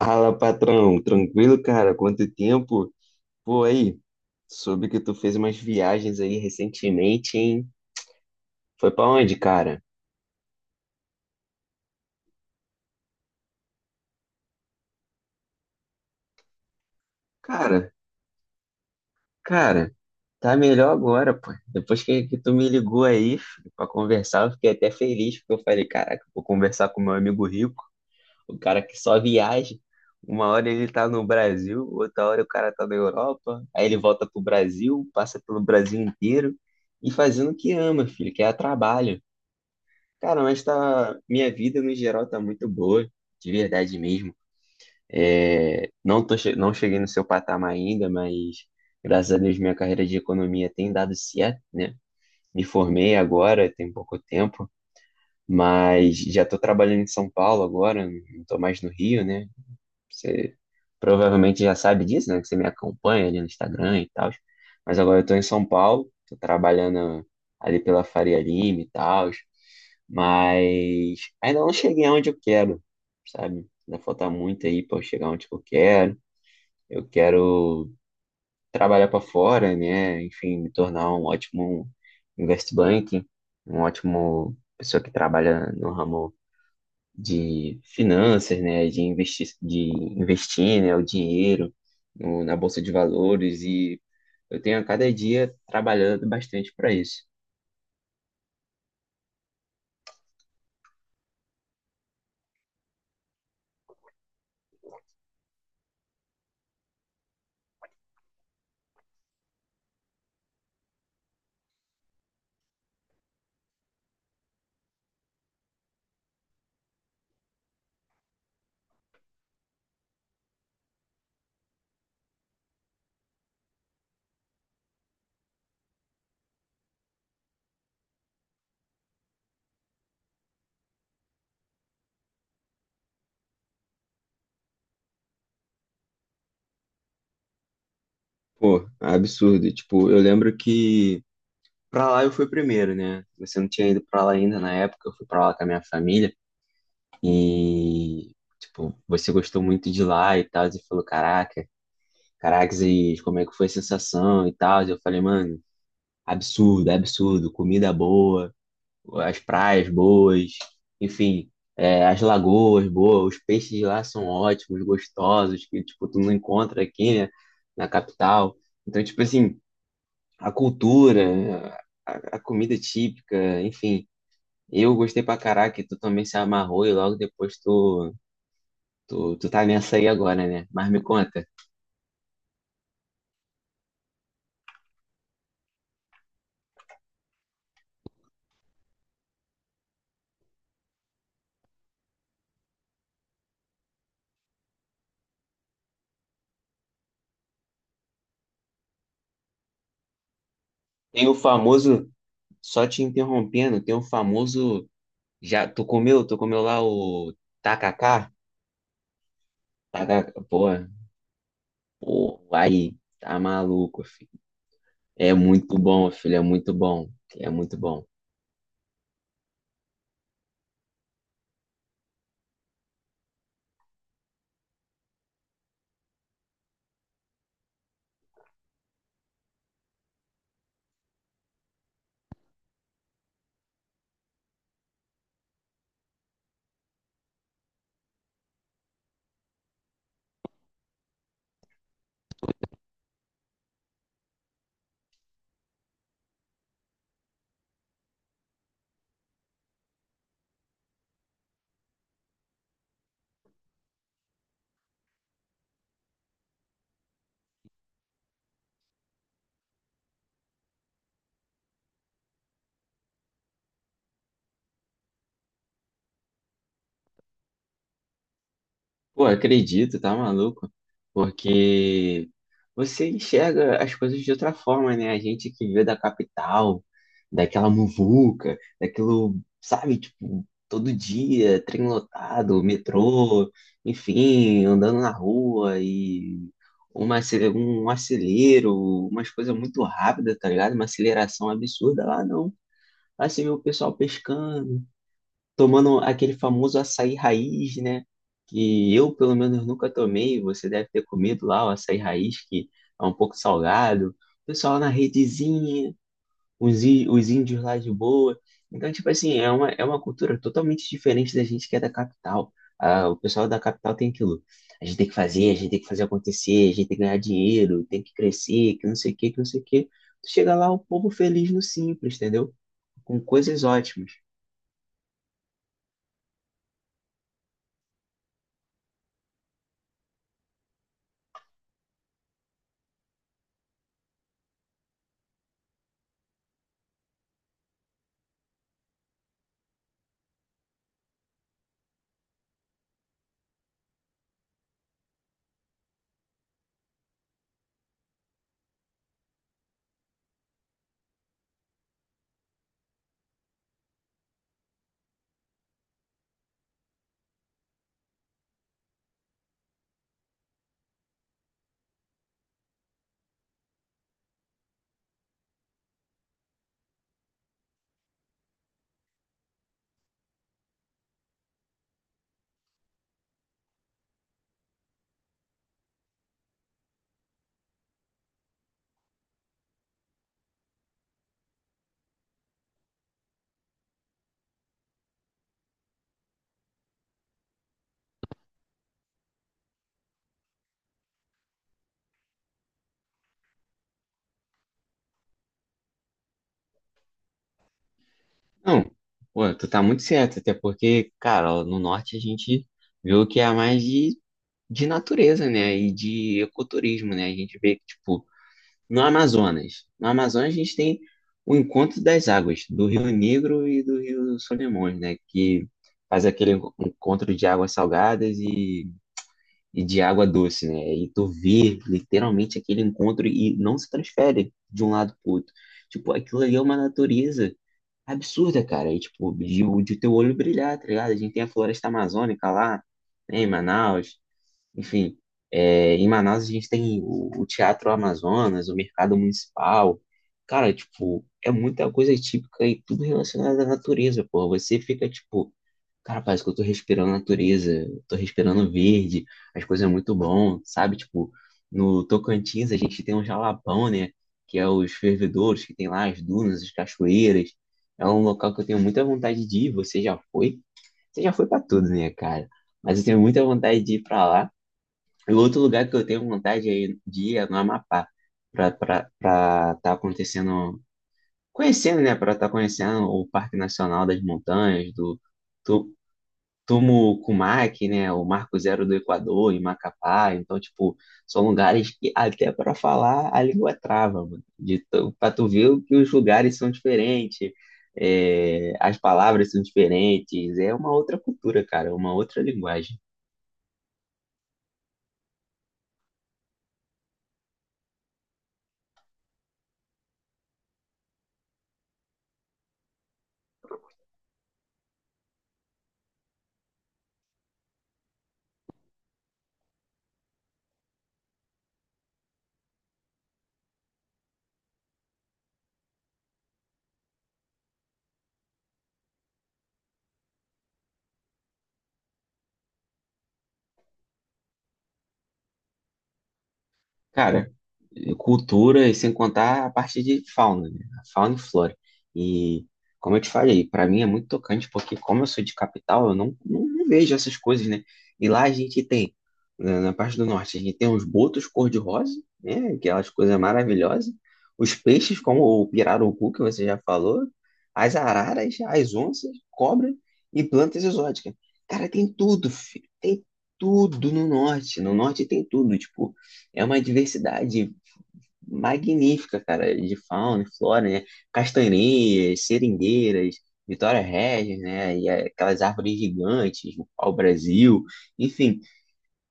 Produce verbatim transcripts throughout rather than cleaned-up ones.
Fala, patrão. Tranquilo, cara? Quanto tempo? Pô, aí, soube que tu fez umas viagens aí recentemente, hein? Foi pra onde, cara? Cara, cara, tá melhor agora, pô. Depois que, que tu me ligou aí filho, pra conversar, eu fiquei até feliz, porque eu falei, caraca, vou conversar com meu amigo rico, o cara que só viaja. Uma hora ele tá no Brasil, outra hora o cara tá na Europa, aí ele volta pro Brasil, passa pelo Brasil inteiro e fazendo o que ama, filho, que é trabalho. Cara, mas tá, minha vida no geral tá muito boa, de verdade mesmo. É, não tô, che- não cheguei no seu patamar ainda, mas graças a Deus minha carreira de economia tem dado certo, né? Me formei agora, tem pouco tempo, mas já tô trabalhando em São Paulo agora, não tô mais no Rio, né? Você provavelmente já sabe disso, né? Que você me acompanha ali no Instagram e tal. Mas agora eu tô em São Paulo, tô trabalhando ali pela Faria Lima e tal. Mas ainda não cheguei aonde eu quero, sabe? Ainda falta muito aí para eu chegar onde eu quero. Eu quero trabalhar para fora, né? Enfim, me tornar um ótimo investment banking, um ótimo pessoa que trabalha no ramo de finanças, né, de investir, de investir, né, o dinheiro no- na bolsa de valores e eu tenho a cada dia trabalhando bastante para isso. Pô, absurdo. Tipo, eu lembro que pra lá eu fui primeiro, né? Você não tinha ido pra lá ainda na época, eu fui pra lá com a minha família e tipo, você gostou muito de lá e tal, e falou, caraca, caracas, e como é que foi a sensação e tal? E eu falei, mano, absurdo, absurdo, comida boa, as praias boas, enfim, é, as lagoas boas, os peixes lá são ótimos, gostosos, que tipo tu não encontra aqui, né, na capital. Então, tipo assim, a cultura, a, a comida típica, enfim, eu gostei pra caraca, e tu também se amarrou e logo depois tu tu, tu tá nessa aí agora, né? Mas me conta, tem o famoso, só te interrompendo, tem o famoso, já tu comeu, tu comeu lá o tacacá? Tacacá, pô, pô, aí, tá maluco, filho. É muito bom, filho, é muito bom. É muito bom. Pô, acredito, tá maluco? Porque você enxerga as coisas de outra forma, né? A gente que vê da capital, daquela muvuca, daquilo, sabe, tipo, todo dia, trem lotado, metrô, enfim, andando na rua e uma, ace- um acelero, umas coisas muito rápidas, tá ligado? Uma aceleração absurda lá, não. Aí você vê o pessoal pescando, tomando aquele famoso açaí raiz, né? Que eu, pelo menos, nunca tomei. Você deve ter comido lá o açaí raiz, que é um pouco salgado. O pessoal lá na redezinha, os, í- os índios lá de boa. Então, tipo assim, é uma, é uma cultura totalmente diferente da gente que é da capital. Ah, o pessoal da capital tem aquilo. A gente tem que fazer, a gente tem que fazer acontecer, a gente tem que ganhar dinheiro, tem que crescer, que não sei o quê, que não sei o quê. Tu chega lá, o povo feliz no simples, entendeu? Com coisas ótimas. Não, pô, tu tá muito certo, até porque, cara, ó, no norte a gente vê o que é mais de, de natureza, né? E de ecoturismo, né? A gente vê que, tipo, no Amazonas. No Amazonas a gente tem o encontro das águas, do Rio Negro e do Rio Solimões, né? Que faz aquele enco- encontro de águas salgadas e, e de água doce, né? E tu vê literalmente aquele encontro e não se transfere de um lado pro outro. Tipo, aquilo ali é uma natureza absurda, cara. E, tipo, de, o- de teu olho brilhar, tá ligado? A gente tem a floresta amazônica lá, né, em Manaus. Enfim, é, em Manaus a gente tem o, o Teatro Amazonas, o Mercado Municipal. Cara, tipo, é muita coisa típica e tudo relacionado à natureza, pô. Você fica, tipo, cara, parece que eu tô respirando natureza, eu tô respirando verde, as coisas é muito bom, sabe? Tipo, no Tocantins a gente tem um jalapão, né? Que é os fervedouros, que tem lá as dunas, as cachoeiras. É um local que eu tenho muita vontade de ir. Você já foi? Você já foi pra tudo, né, cara? Mas eu tenho muita vontade de ir pra lá. E outro lugar que eu tenho vontade é ir- de ir é no Amapá, pra, pra, pra tá acontecendo, conhecendo, né? Pra tá conhecendo o Parque Nacional das Montanhas, do Tumo Cumac, né? O Marco Zero do Equador, em Macapá. Então, tipo, são lugares que até para falar a língua trava, mano. De, tão- pra tu ver o que os lugares são diferentes, é, as palavras são diferentes. É uma outra cultura, cara, é uma outra linguagem. Cara, cultura, e sem contar a parte de fauna, né? A fauna e flora. E, como eu te falei, para mim é muito tocante, porque como eu sou de capital, eu não, não, não vejo essas coisas, né? E lá a gente tem, na, na parte do norte, a gente tem os botos cor-de-rosa, né? Aquelas coisas maravilhosas. Os peixes, como o pirarucu, que você já falou, as araras, as onças, cobra e plantas exóticas. Cara, tem tudo, filho. Tem tudo no norte. No norte tem tudo. Tipo, é uma diversidade magnífica, cara, de fauna e flora, né? Castanheiras, seringueiras, Vitória Regis, né? E aquelas árvores gigantes, o pau-brasil, enfim,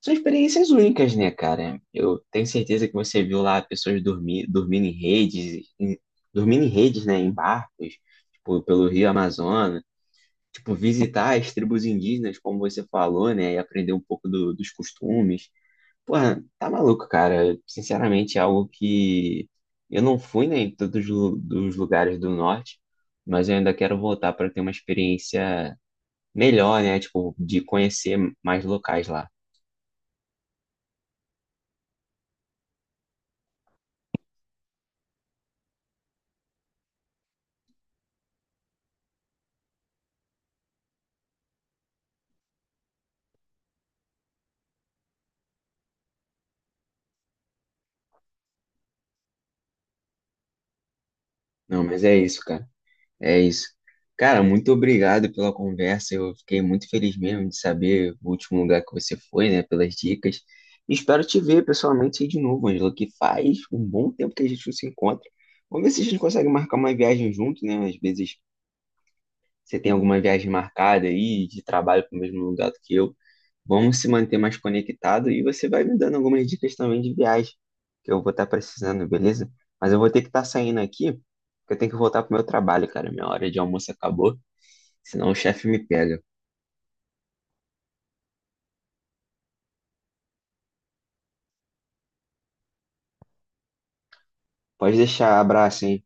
são experiências únicas, né, cara? Eu tenho certeza que você viu lá pessoas dormir, dormindo em redes, em- dormindo em redes, né, em barcos, tipo, pelo Rio Amazonas. Tipo, visitar as tribos indígenas, como você falou, né? E aprender um pouco do- dos costumes. Pô, tá maluco, cara. Sinceramente, é algo que eu não fui, né, em todos os lu- dos lugares do norte, mas eu ainda quero voltar para ter uma experiência melhor, né, tipo, de conhecer mais locais lá. Não, mas é isso, cara. É isso. Cara, muito obrigado pela conversa. Eu fiquei muito feliz mesmo de saber o último lugar que você foi, né, pelas dicas. E espero te ver pessoalmente aí de novo, Angela, que faz um bom tempo que a gente não se encontra. Vamos ver se a gente consegue marcar uma viagem junto, né? Às vezes você tem alguma viagem marcada aí de trabalho para o mesmo lugar do que eu? Vamos se manter mais conectado e você vai me dando algumas dicas também de viagem que eu vou estar precisando, beleza? Mas eu vou ter que estar saindo aqui, porque eu tenho que voltar pro meu trabalho, cara. Minha hora de almoço acabou, senão o chefe me pega. Pode deixar, abraço, hein?